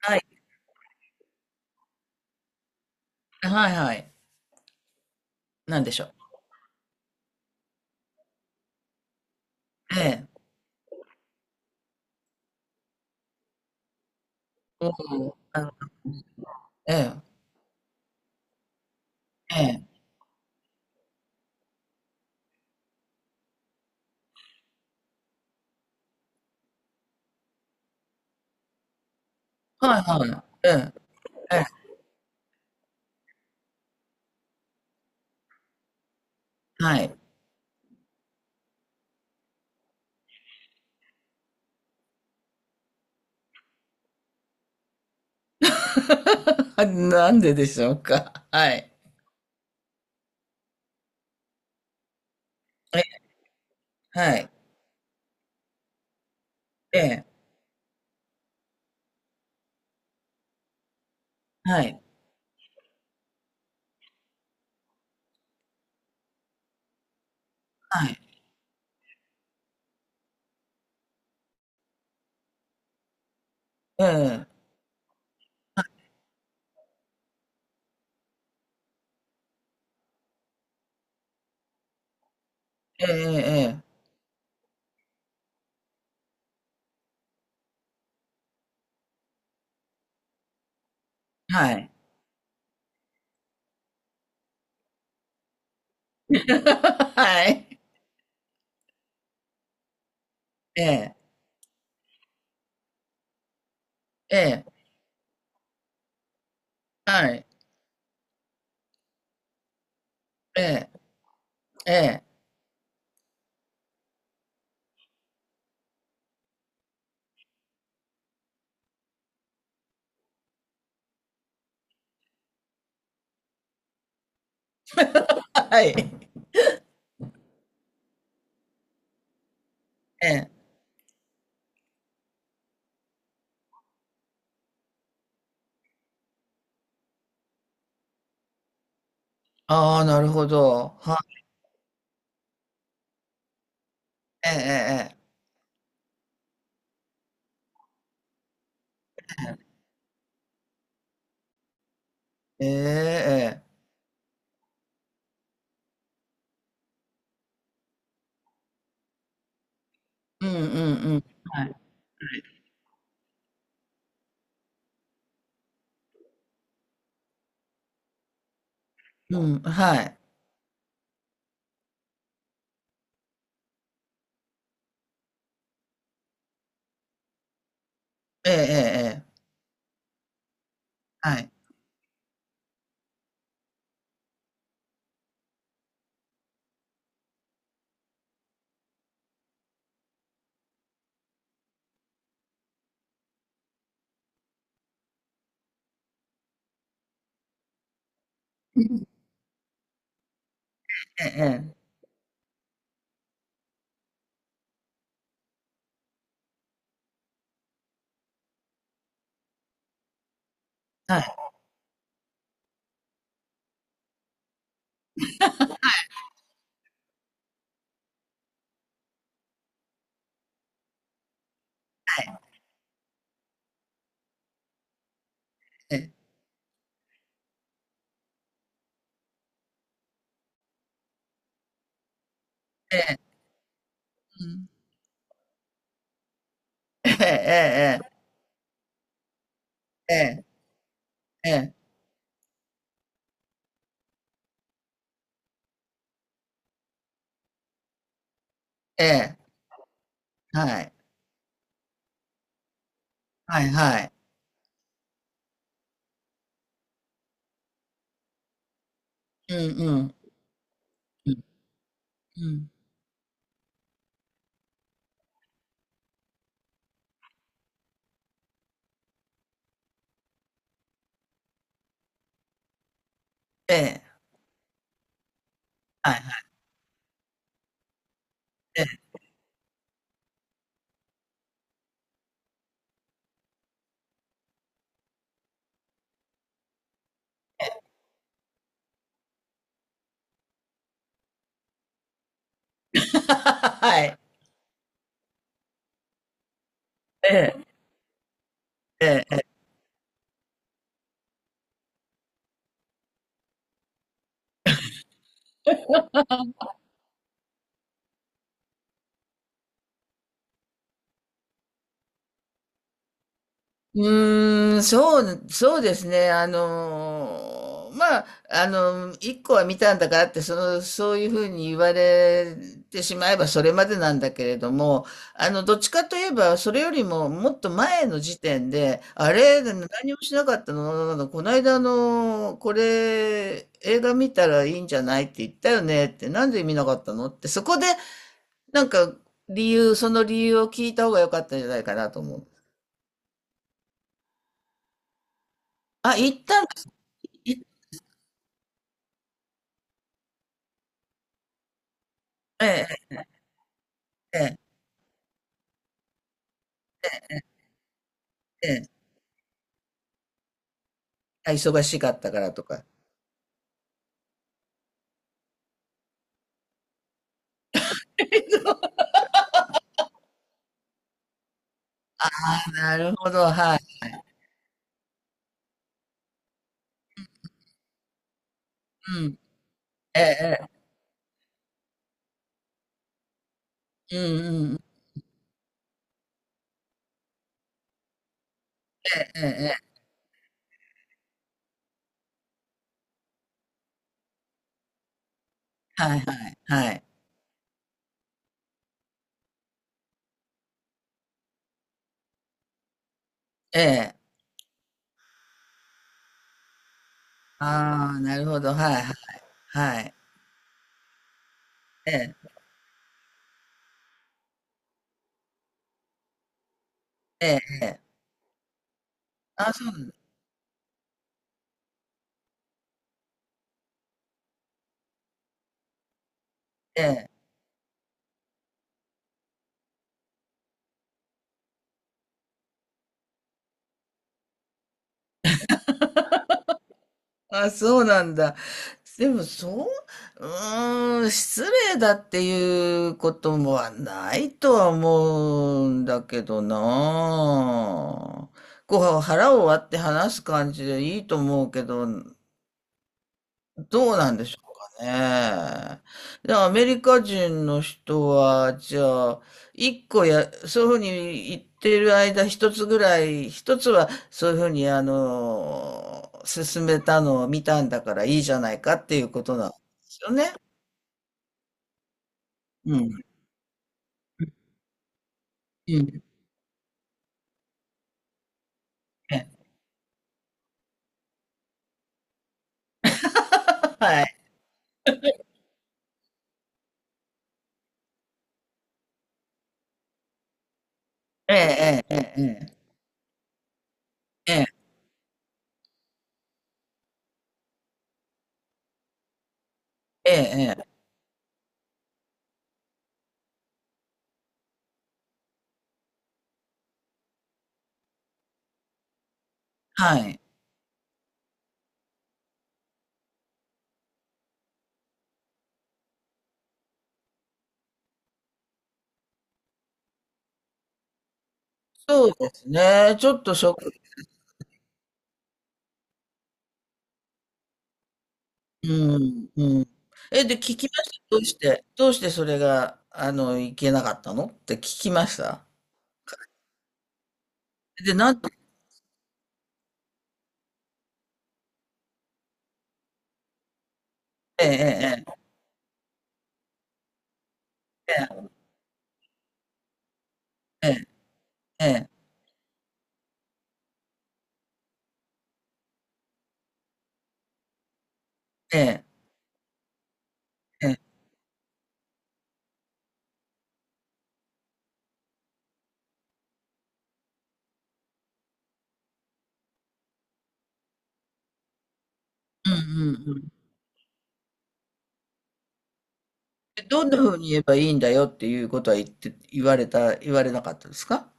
はい。はいはい。なんでしょう。ええ。おお、ええ、ええ。はいはい。ええ、ええ、はい。なんででしょうか。はい。え、はい。ええ、はい。はい。ええ、ええ、ええ、ええ、はい。はい。ええ、ええ、はい。ええ、ええ はい。ええ。ああ、なるほど。はい。ええ、ええ。ええ、ええ。うんうんうん。はい。うん、はい。ええええええ、はい。ええええ、はいはい、ええ、ええ、うん。ええええええ、ええ、ええ、はいはい。はい、うんうん、うん、うん。ええ、はいはい、ええ。はい。ええ、ええ。うーん、そう、そうですね。まあ、一個は見たんだからって、そういうふうに言われてしまえばそれまでなんだけれども、どっちかといえば、それよりももっと前の時点で、あれ、何もしなかったの、この間これ、映画見たらいいんじゃないって言ったよねって、なんで見なかったのって、そこで、なんか、理由、その理由を聞いた方が良かったんじゃないかなと思う。あ、行ったんだ。ええええええええ。あ、忙しかったからとか。なるほど、はい。うん。ええええ。うんうん。ええええええ。はいはいはい。ええ。ああ、なるほど、はいはいはい。ええ、ええええ。あ、そう、ええ。あ、そうなんだ。でもそう、うーん、失礼だっていうこともはないとは思うんだけどなあ。こう、腹を割って話す感じでいいと思うけど、どうなんでしょうかね。で、アメリカ人の人は、じゃあ、一個や、そういうふうに言ってる間、一つぐらい、一つはそういうふうに、進めたのを見たんだからいいじゃないかっていうことなんですよね。うん。うん。え、はい。ええ、ええ、ええ、ええ、ええ、ええ、はい。そうですね。ちょっとうん、うん。え、で、聞きました。どうして、どうしてそれが、いけなかったのって聞きました。で、なんと、ええ、ええ、ええ、ええ、ええ、ええ、うんうんうん。でどんな風に言えばいいんだよっていうことは言って、言われた、言われなかったですか。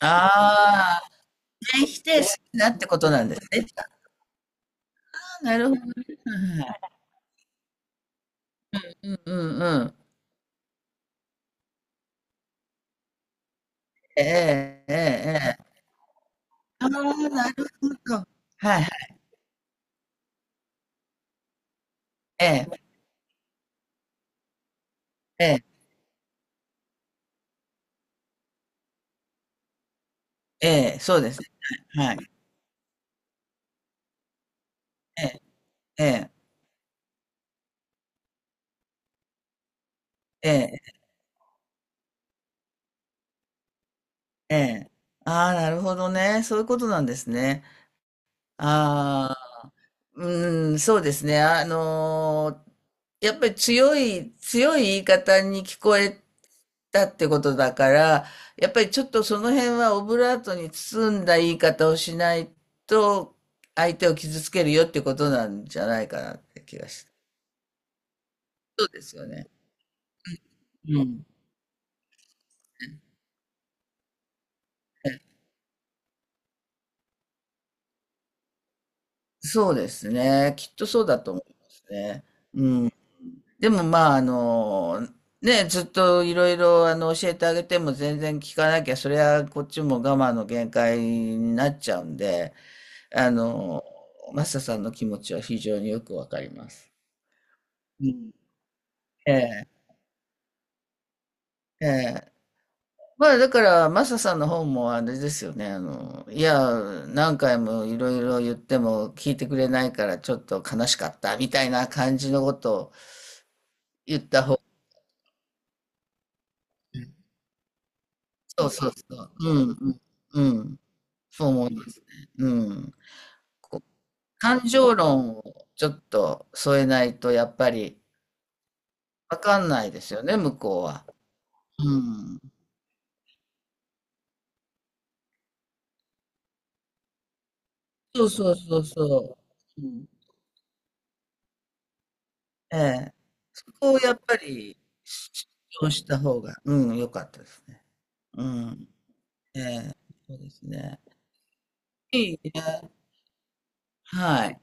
ああ、全否定するなってことなんですね。あーなるほどね。はいはい、うんうんうん。ええ、ええ、ええ。ああ、なるほど。はいはい。ええ、ええ、ええ、そうですね。はい。ええ、ええ、ええ。ああ、なるほどね。そういうことなんですね。ああ、うん、そうですね。やっぱり強い、強い言い方に聞こえたってことだから、やっぱりちょっとその辺はオブラートに包んだ言い方をしないと、相手を傷つけるよってことなんじゃないかなって気がして。そうですよね。うん。そうですね。きっとそうだと思いますね。うん。でもまあ、ね、ずっといろいろ教えてあげても全然聞かなきゃ、それはこっちも我慢の限界になっちゃうんで、あの、マサさんの気持ちは非常によくわかります。うん、ええ、ええ。まあだから、マサさんの方もあれですよね、いや、何回もいろいろ言っても聞いてくれないからちょっと悲しかったみたいな感じのことを言った方が、そうそうそう、うん、うん、うん。そう思いますね。うん。こう感情論をちょっと添えないとやっぱりわかんないですよね、向こうは。うん。そうそうそうそう。うん、ええ。そこをやっぱりそうした方が、うん、良かったですね。うん、そうですね。いいね。はい。